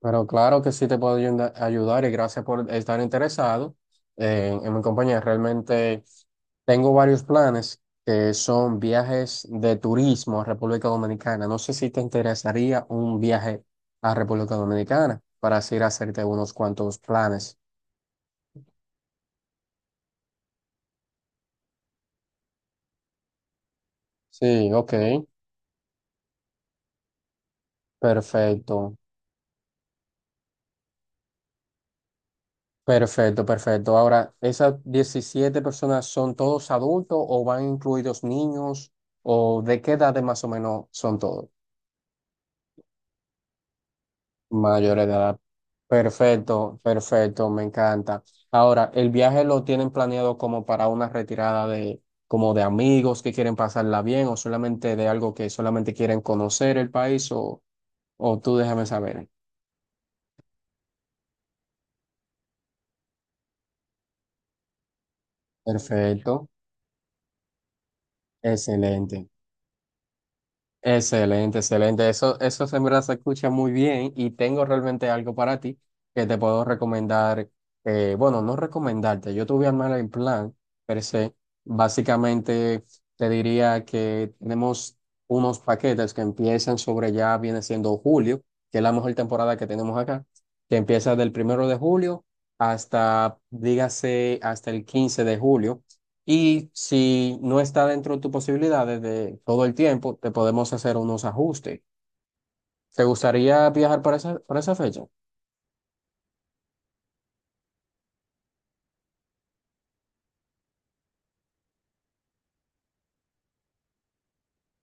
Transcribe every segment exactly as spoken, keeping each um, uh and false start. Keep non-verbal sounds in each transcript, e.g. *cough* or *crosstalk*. Pero claro que sí te puedo ayuda- ayudar y gracias por estar interesado en, en mi compañía. Realmente tengo varios planes que son viajes de turismo a República Dominicana. No sé si te interesaría un viaje a República Dominicana para así ir a hacerte unos cuantos planes. Sí, ok, perfecto, perfecto, perfecto. Ahora, ¿esas diecisiete personas son todos adultos o van incluidos niños o de qué edad más o menos son todos? Mayor edad. Perfecto, perfecto, me encanta. Ahora, ¿el viaje lo tienen planeado como para una retirada de, como de amigos que quieren pasarla bien o solamente de algo que solamente quieren conocer el país o, o tú déjame saber? Perfecto, excelente. Excelente, excelente. Eso, eso en verdad se escucha muy bien y tengo realmente algo para ti que te puedo recomendar. Eh, bueno, no recomendarte, yo te voy a armar el plan, pero se. Básicamente te diría que tenemos unos paquetes que empiezan sobre ya viene siendo julio, que es la mejor temporada que tenemos acá, que empieza del primero de julio hasta, dígase, hasta el quince de julio. Y si no está dentro de tus posibilidades de todo el tiempo, te podemos hacer unos ajustes. ¿Te gustaría viajar para esa, para esa fecha?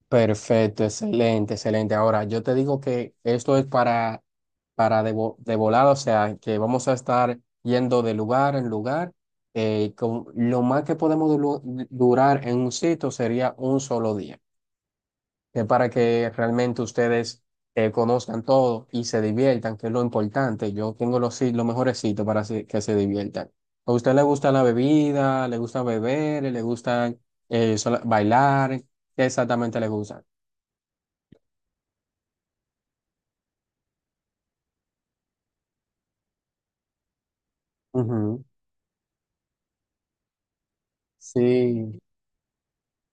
Perfecto, excelente, excelente. Ahora, yo te digo que esto es para, para de, vo- de volada, o sea, que vamos a estar yendo de lugar en lugar. Eh, con, lo más que podemos du- durar en un sitio sería un solo día. Es para que realmente ustedes eh, conozcan todo y se diviertan, que es lo importante. Yo tengo los, sit- los mejores sitios para se- que se diviertan. ¿A usted le gusta la bebida? ¿Le gusta beber? ¿Le gusta eh, sola- bailar? ¿Qué exactamente le gusta? Ujú. Sí.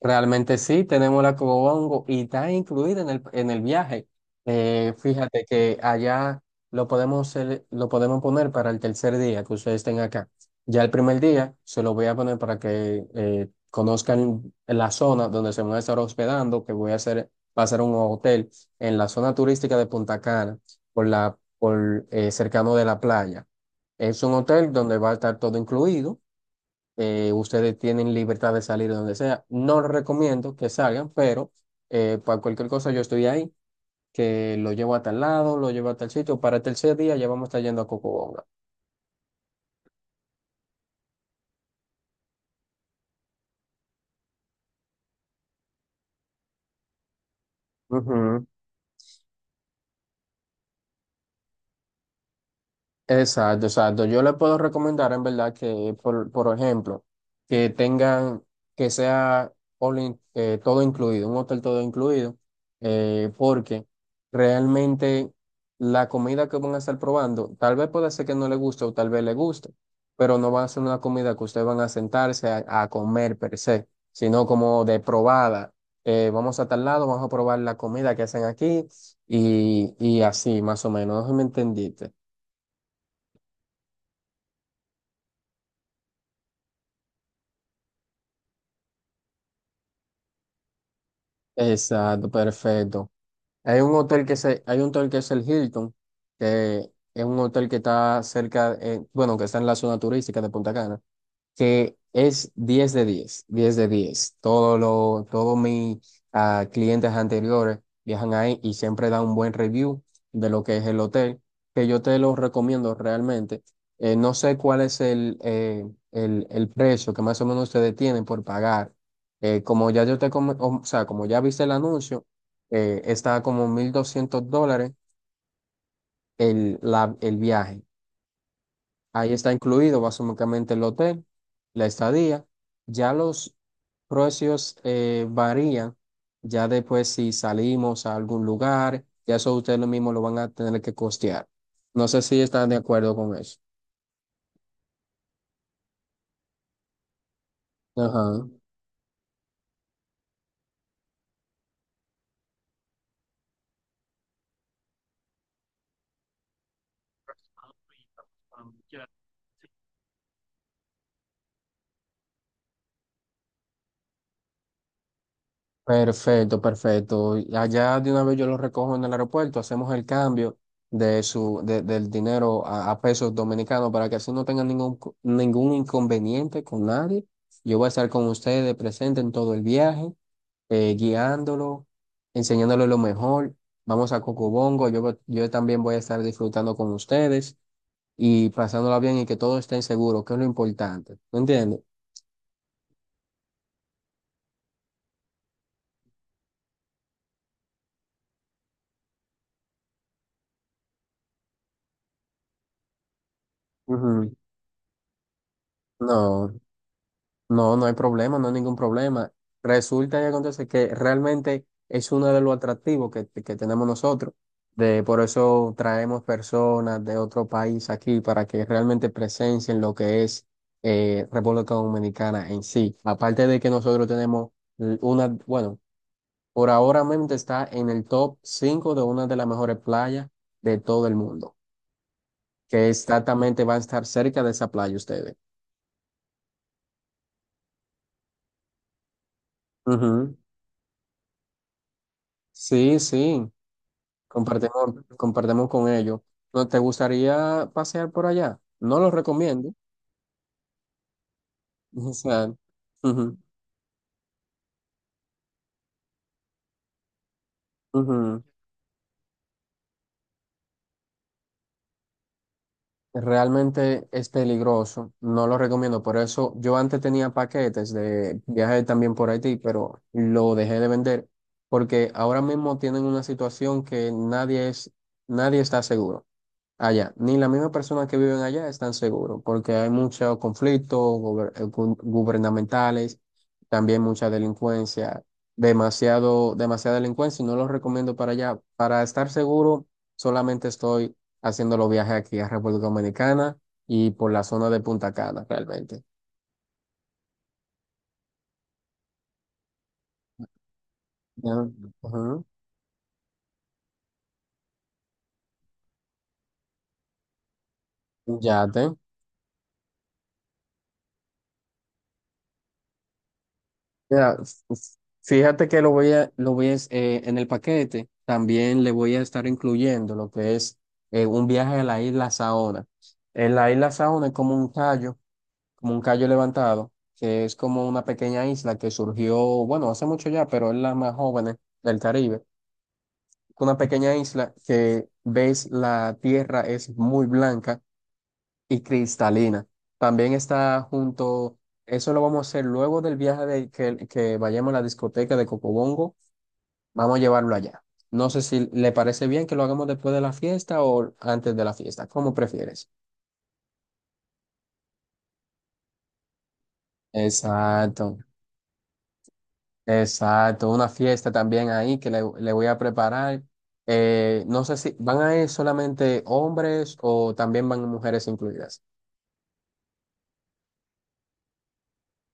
Realmente sí, tenemos la Cobongo y está incluida en el, en el viaje. Eh, fíjate que allá lo podemos, hacer lo podemos poner para el tercer día que ustedes estén acá. Ya el primer día se lo voy a poner para que eh, conozcan la zona donde se van a estar hospedando, que voy a hacer, va a ser un hotel en la zona turística de Punta Cana, por la, por, eh, cercano de la playa. Es un hotel donde va a estar todo incluido. Eh, ustedes tienen libertad de salir donde sea. No les recomiendo que salgan, pero eh, para cualquier cosa yo estoy ahí, que lo llevo a tal lado, lo llevo a tal sitio. Para el tercer día ya vamos a estar yendo a Cocobonga. Ujú. Exacto, exacto. Yo le puedo recomendar en verdad que, por, por ejemplo, que tengan, que sea all in- eh, todo incluido, un hotel todo incluido, eh, porque realmente la comida que van a estar probando, tal vez puede ser que no le guste o tal vez le guste, pero no va a ser una comida que ustedes van a sentarse a, a comer per se, sino como de probada. Eh, vamos a tal lado, vamos a probar la comida que hacen aquí y, y así, más o menos. No sé si me entendiste. Exacto, perfecto. Hay un hotel que se, hay un hotel que es el Hilton, que es un hotel que está cerca, eh, bueno, que está en la zona turística de Punta Cana que es diez de diez, diez de diez. Todo lo, todos mis ah, clientes anteriores viajan ahí y siempre dan un buen review de lo que es el hotel, que yo te lo recomiendo realmente. Eh, no sé cuál es el, eh, el, el precio que más o menos ustedes tienen por pagar. Eh, como ya yo te, come- o sea, como ya viste el anuncio, eh, está como mil doscientos dólares el, la- el viaje. Ahí está incluido básicamente el hotel, la estadía. Ya los precios eh, varían. Ya después si salimos a algún lugar, ya eso ustedes lo mismo lo van a tener que costear. No sé si están de acuerdo con eso. Ajá. Perfecto, perfecto. Y allá de una vez yo lo recojo en el aeropuerto, hacemos el cambio de su, de- del dinero a, a pesos dominicanos para que así no tengan ningún, co- ningún inconveniente con nadie. Yo voy a estar con ustedes presente en todo el viaje, eh, guiándolo, enseñándole lo mejor. Vamos a Cocobongo, yo, voy- yo también voy a estar disfrutando con ustedes y pasándola bien y que todo esté seguro, que es lo importante. ¿Me entiendes? Ujú. No. No, no hay problema, no hay ningún problema. Resulta y acontece que realmente es uno de los atractivos que, que tenemos nosotros. De, por eso traemos personas de otro país aquí para que realmente presencien lo que es eh, República Dominicana en sí. Aparte de que nosotros tenemos l- una, bueno, por ahora mismo está en el top cinco de una de las mejores playas de todo el mundo, que exactamente van a estar cerca de esa playa ustedes. Ujú. Sí, sí. Compartimos, compartimos con ellos. ¿No te gustaría pasear por allá? No lo recomiendo. *laughs* O sea, ujú, ujú. Realmente es peligroso. No lo recomiendo. Por eso yo antes tenía paquetes de viaje también por Haití, pero lo dejé de vender porque ahora mismo tienen una situación que nadie es, nadie está seguro allá. Ni las mismas personas que viven allá están seguros, porque hay muchos conflictos gober- eh, gu- gubernamentales, también mucha delincuencia, demasiado, demasiada delincuencia, y no los recomiendo para allá. Para estar seguro, solamente estoy haciendo los viajes aquí a República Dominicana y por la zona de Punta Cana, realmente. Ya, ujú. Yate. Mira, f- f- fíjate que lo voy a, lo voy a, es- eh, en el paquete también le voy a estar incluyendo lo que es eh, un viaje a la isla Saona. En la isla Saona es como un callo, como un callo levantado, que es como una pequeña isla que surgió, bueno, hace mucho ya, pero es la más joven del Caribe. Una pequeña isla que ves la tierra es muy blanca y cristalina. También está junto, Eso lo vamos a hacer luego del viaje de que, que vayamos a la discoteca de Cocobongo, vamos a llevarlo allá. No sé si le parece bien que lo hagamos después de la fiesta o antes de la fiesta, como prefieres. Exacto, exacto. Una fiesta también ahí que le, le voy a preparar. Eh, no sé si van a ir solamente hombres o también van mujeres incluidas.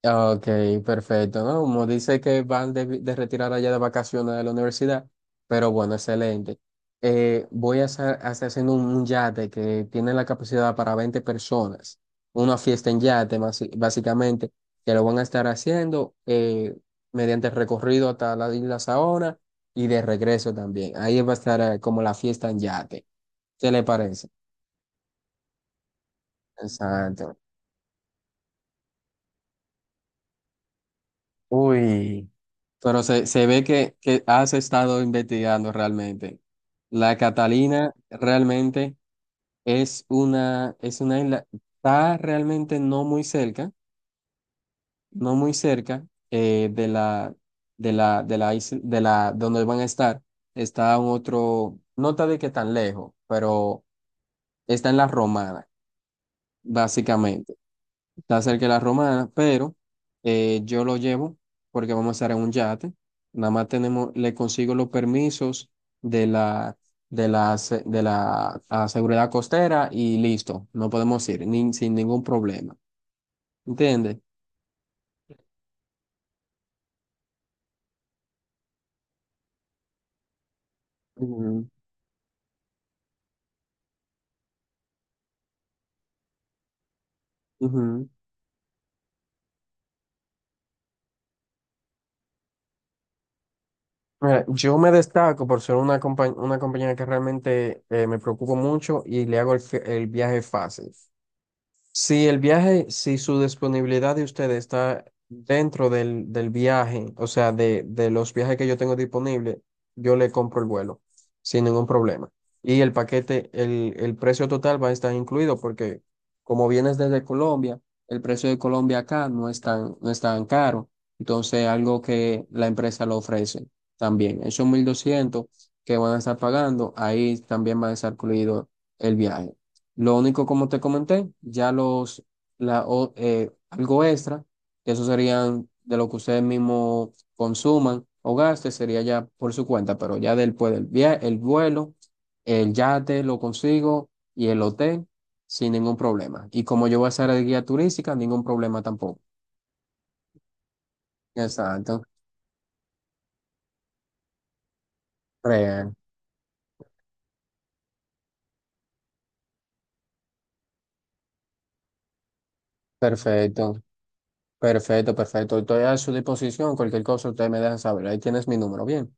Ok, perfecto, ¿no? Como dice que van de, vi- de retirar allá de vacaciones de la universidad, pero bueno, excelente. Eh, voy a hacer, a estar haciendo un, un yate que tiene la capacidad para veinte personas, una fiesta en yate, basi- básicamente, que lo van a estar haciendo eh, mediante el recorrido hasta la isla Saona y de regreso también. Ahí va a estar eh, como la fiesta en yate. ¿Qué le parece? Exacto. Uy. Pero se, se ve que, que has estado investigando realmente. La Catalina realmente es una, es una isla, está realmente no muy cerca, no muy cerca eh, de la, de la, de la isla, de la, donde van a estar. Está un otro, no está de que tan lejos, pero está en la Romana, básicamente. Está cerca de la Romana, pero eh, yo lo llevo porque vamos a estar en un yate. Nada más tenemos, le consigo los permisos de la, de la, se- de la, ah, seguridad costera y listo, no podemos ir ni- sin ningún problema. ¿Entiendes? Ujú, ujú. Mira, yo me destaco por ser una, compa- una compañía que realmente eh, me preocupo mucho y le hago el, fe- el viaje fácil. Si el viaje, si su disponibilidad de usted está dentro del, del viaje, o sea, de, de los viajes que yo tengo disponible, yo le compro el vuelo sin ningún problema. Y el paquete, el, el precio total va a estar incluido porque como vienes desde Colombia, el precio de Colombia acá no es tan, no es tan caro. Entonces, algo que la empresa lo ofrece también. Esos mil doscientos que van a estar pagando, ahí también va a estar incluido el viaje. Lo único, como te comenté, ya los, la, o- eh, algo extra, que eso serían de lo que ustedes mismos consuman o gasten, sería ya por su cuenta, pero ya después del viaje, el vuelo, el yate lo consigo y el hotel sin ningún problema. Y como yo voy a ser el guía turística, ningún problema tampoco. Exacto. Real. Perfecto, perfecto, perfecto. Estoy a su disposición. Cualquier cosa ustedes me dejan saber. Ahí tienes mi número. Bien.